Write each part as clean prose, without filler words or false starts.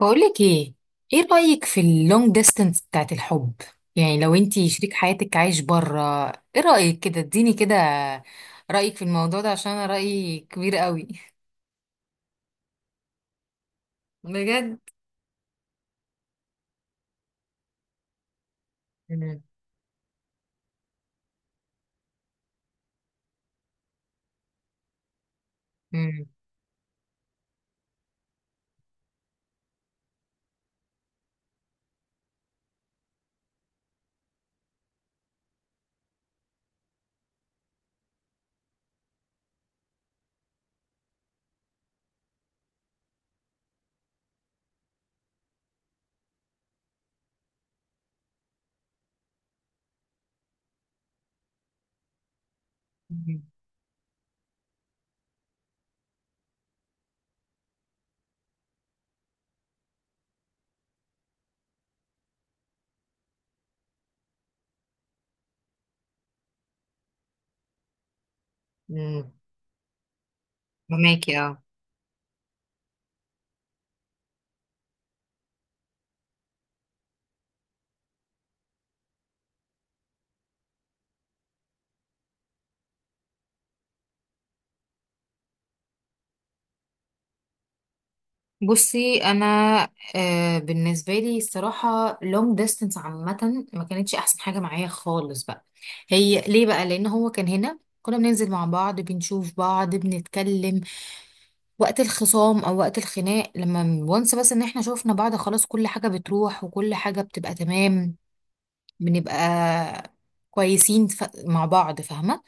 بقولك ايه؟ ايه رأيك في اللونج ديستانس بتاعت الحب؟ يعني لو انتي شريك حياتك عايش بره، ايه رأيك؟ كده اديني كده رأيك في الموضوع ده، عشان انا رأيي كبير قوي. بجد. مم. مم. مم. فهماكي اه. بصي انا، بالنسبه لي الصراحه لونج ديستانس عامه ما كانتش احسن حاجه معايا خالص بقى. هي ليه بقى؟ لان هو كان هنا كنا بننزل مع بعض، بنشوف بعض، بنتكلم. وقت الخصام او وقت الخناق لما وانس بس ان احنا شوفنا بعض خلاص كل حاجة بتروح وكل حاجة بتبقى تمام. بنبقى كويسين مع بعض، فاهمة.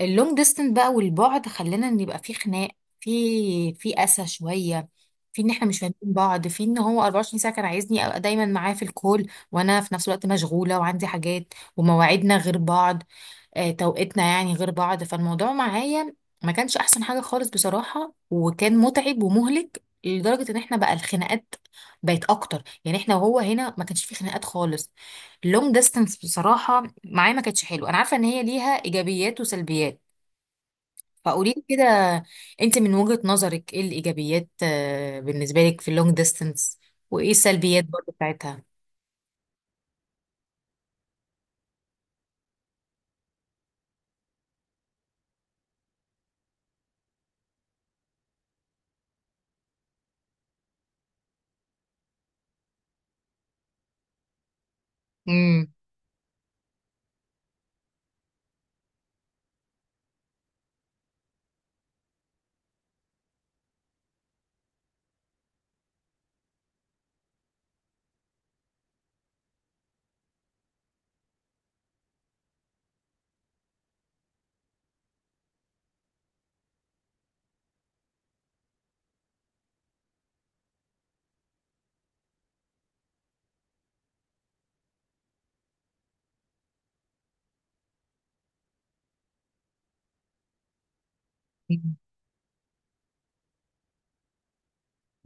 اللونج ديستنس بقى والبعد خلانا ان يبقى في خناق، في قسى شوية، في ان احنا مش فاهمين بعض، في ان هو 24 ساعة كان عايزني ابقى دايما معاه في الكول وانا في نفس الوقت مشغولة وعندي حاجات ومواعيدنا غير بعض. توقيتنا يعني غير بعض. فالموضوع معايا ما كانش احسن حاجة خالص بصراحة، وكان متعب ومهلك لدرجة ان احنا بقى الخناقات بقت اكتر. يعني احنا وهو هنا ما كانش في خناقات خالص. اللونج ديستانس بصراحة معايا ما كانتش حلوة. انا عارفة ان هي ليها ايجابيات وسلبيات. فقولي لي كده انت من وجهة نظرك، ايه الايجابيات بالنسبة لك في اللونج ديستانس، وايه السلبيات برضه بتاعتها؟ امم.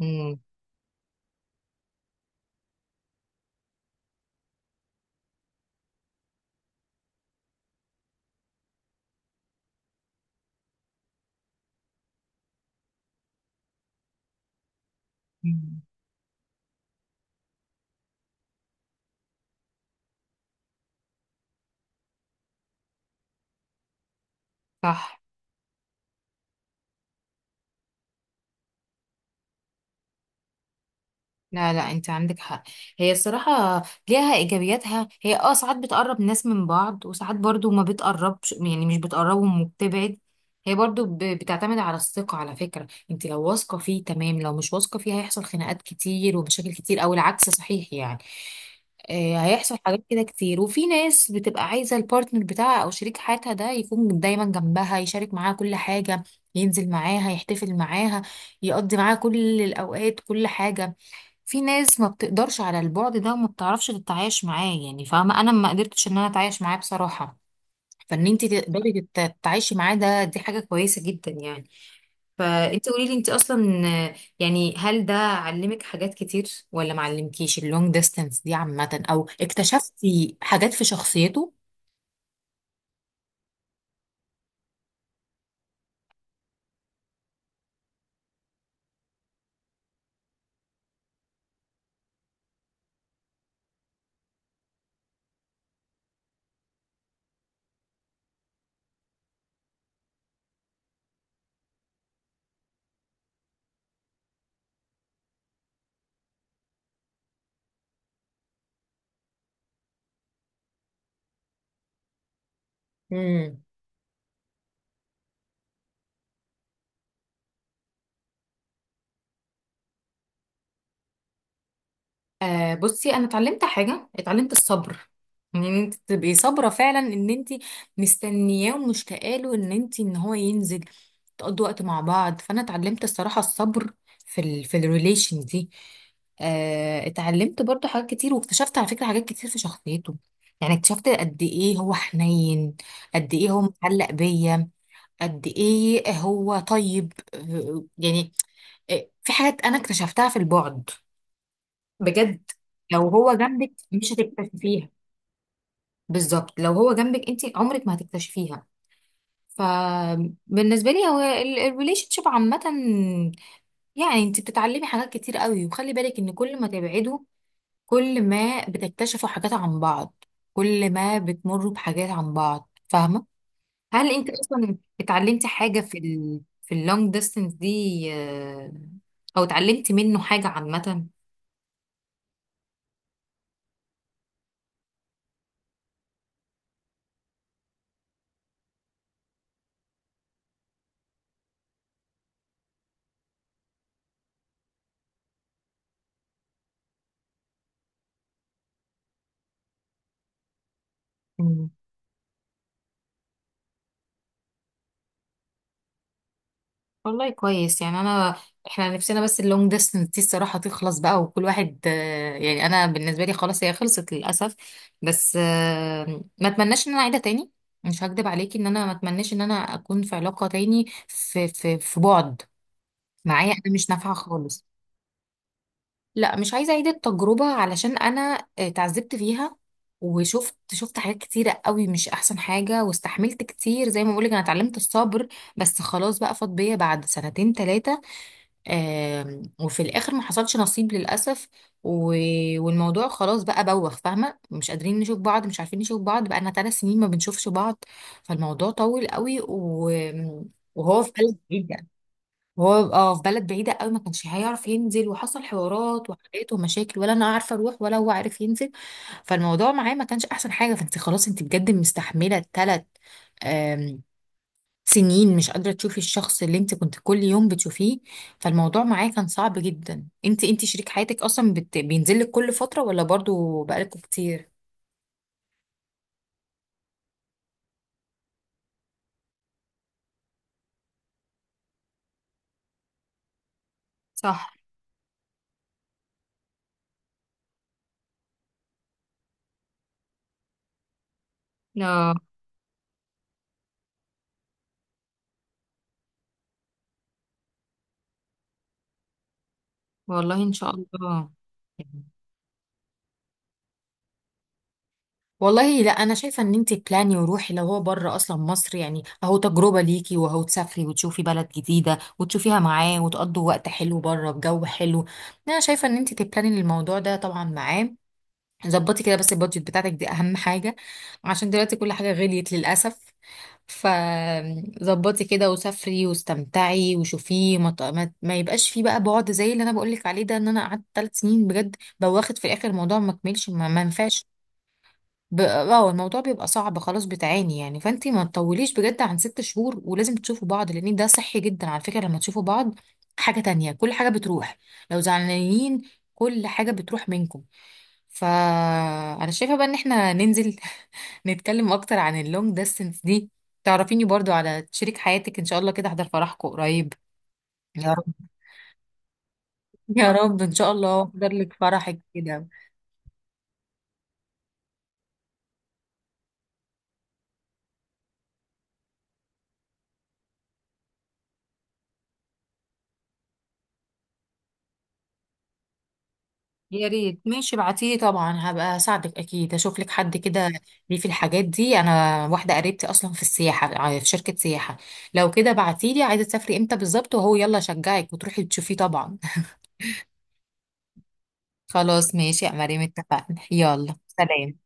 امم. صح. لا لا، انت عندك حق. هي الصراحة ليها ايجابياتها، هي ساعات بتقرب ناس من بعض وساعات برضو ما بتقربش، يعني مش بتقربهم وبتبعد. هي برضو بتعتمد على الثقة، على فكرة انت لو واثقة فيه تمام، لو مش واثقة فيه هيحصل خناقات كتير ومشاكل كتير، او العكس صحيح يعني. هيحصل حاجات كده كتير. وفي ناس بتبقى عايزة البارتنر بتاعها او شريك حياتها ده يكون دايما جنبها يشارك معاها كل حاجة، ينزل معاها، يحتفل معاها، يقضي معاها كل الاوقات، كل حاجة. في ناس ما بتقدرش على البعد ده وما بتعرفش تتعايش معاه، يعني فاهمة، انا ما قدرتش ان انا اتعايش معاه بصراحة. فان انت تقدري تتعايشي معاه ده، دي حاجة كويسة جدا يعني. فانت قولي لي، انت اصلا، يعني هل ده علمك حاجات كتير ولا ما علمكيش اللونج ديستانس دي عامة، او اكتشفتي حاجات في شخصيته؟ بصي انا اتعلمت حاجه، اتعلمت الصبر. ان انت تبقي صابره فعلا، ان انت مستنياه ومشتاقه له، ان انت ان هو ينزل تقضوا وقت مع بعض. فانا اتعلمت الصراحه الصبر في الريليشن دي. اتعلمت برضو حاجات كتير واكتشفت على فكره حاجات كتير في شخصيته، يعني اكتشفت قد ايه هو حنين، قد ايه هو متعلق بيا، قد ايه هو طيب، يعني. في حاجات انا اكتشفتها في البعد بجد. لو هو جنبك مش هتكتشفيها. بالظبط، لو هو جنبك انت عمرك ما هتكتشفيها. فبالنسبه لي هو الريليشن شيب عامه، يعني انت بتتعلمي حاجات كتير قوي. وخلي بالك ان كل ما تبعدوا كل ما بتكتشفوا حاجات عن بعض، كل ما بتمروا بحاجات عن بعض، فاهمه. هل انت اصلا اتعلمتي حاجه في اللونج ديستانس دي، آه، او اتعلمتي منه حاجه عامه؟ والله كويس. يعني انا احنا نفسنا بس اللونج ديستنس دي الصراحه تخلص بقى وكل واحد، يعني انا بالنسبه لي خلاص هي خلصت للاسف. بس ما اتمناش ان انا اعيدها تاني. مش هكدب عليكي ان انا ما اتمناش ان انا اكون في علاقه تاني في بعد. معايا انا مش نافعه خالص. لا، مش عايزه اعيد التجربه علشان انا اتعذبت فيها. وشفت حاجات كتيرة قوي مش أحسن حاجة، واستحملت كتير زي ما بقولك أنا اتعلمت الصبر. بس خلاص بقى فاض بيا بعد سنتين تلاتة، وفي الاخر ما حصلش نصيب للاسف. و... والموضوع خلاص بقى بوخ، فاهمه، مش قادرين نشوف بعض، مش عارفين نشوف بعض. بقى لنا 3 سنين ما بنشوفش بعض، فالموضوع طول قوي. وهو في بلد بعيده. وهو في بلد بعيده قوي، ما كانش هيعرف ينزل وحصل حوارات وحاجات ومشاكل، ولا انا عارفه اروح ولا هو عارف ينزل. فالموضوع معاه ما كانش احسن حاجه. فانت خلاص، انت بجد مستحمله 3 سنين مش قادرة تشوفي الشخص اللي انت كنت كل يوم بتشوفيه، فالموضوع معاه كان صعب جدا. انت شريك حياتك اصلا بينزل لك كل فترة ولا برضو بقالكوا كتير؟ صح. لا. والله ان شاء الله. والله لا، انا شايفه ان انت بلاني وروحي، لو هو بره اصلا مصر يعني، اهو تجربه ليكي، وهو تسافري وتشوفي بلد جديده وتشوفيها معاه وتقضوا وقت حلو بره بجو حلو. انا شايفه ان انت تبلاني الموضوع ده طبعا معاه. ظبطي كده، بس البادجت بتاعتك دي اهم حاجه، عشان دلوقتي كل حاجه غليت للاسف. فظبطي كده وسافري واستمتعي وشوفيه، ما, ت- ما, ما يبقاش فيه بقى بعد، زي اللي انا بقولك عليه ده، ان انا قعدت 3 سنين، بجد بواخد في الاخر الموضوع ما كملش، ما ينفعش. الموضوع بيبقى صعب خلاص، بتعاني يعني. فانتي ما تطوليش بجد عن 6 شهور، ولازم تشوفوا بعض، لان ده صحي جدا على فكرة، لما تشوفوا بعض حاجة تانية كل حاجة بتروح، لو زعلانين كل حاجة بتروح منكم. فانا شايفة بقى ان احنا ننزل، نتكلم اكتر عن اللونج ديستنس دي، تعرفيني برضو على شريك حياتك ان شاء الله كده، احضر فرحكم قريب. يا رب. يا رب، ان شاء الله احضر لك فرحك كده. يا ريت. ماشي، ابعتيه طبعا هبقى اساعدك اكيد، اشوف لك حد كده. ليه في الحاجات دي انا واحده قريبتي اصلا في السياحه، في شركه سياحه. لو كده بعتي لي عايزه تسافري امتى بالظبط، وهو يلا شجعك وتروحي تشوفيه طبعا. خلاص ماشي يا مريم، اتفقنا، يلا سلام.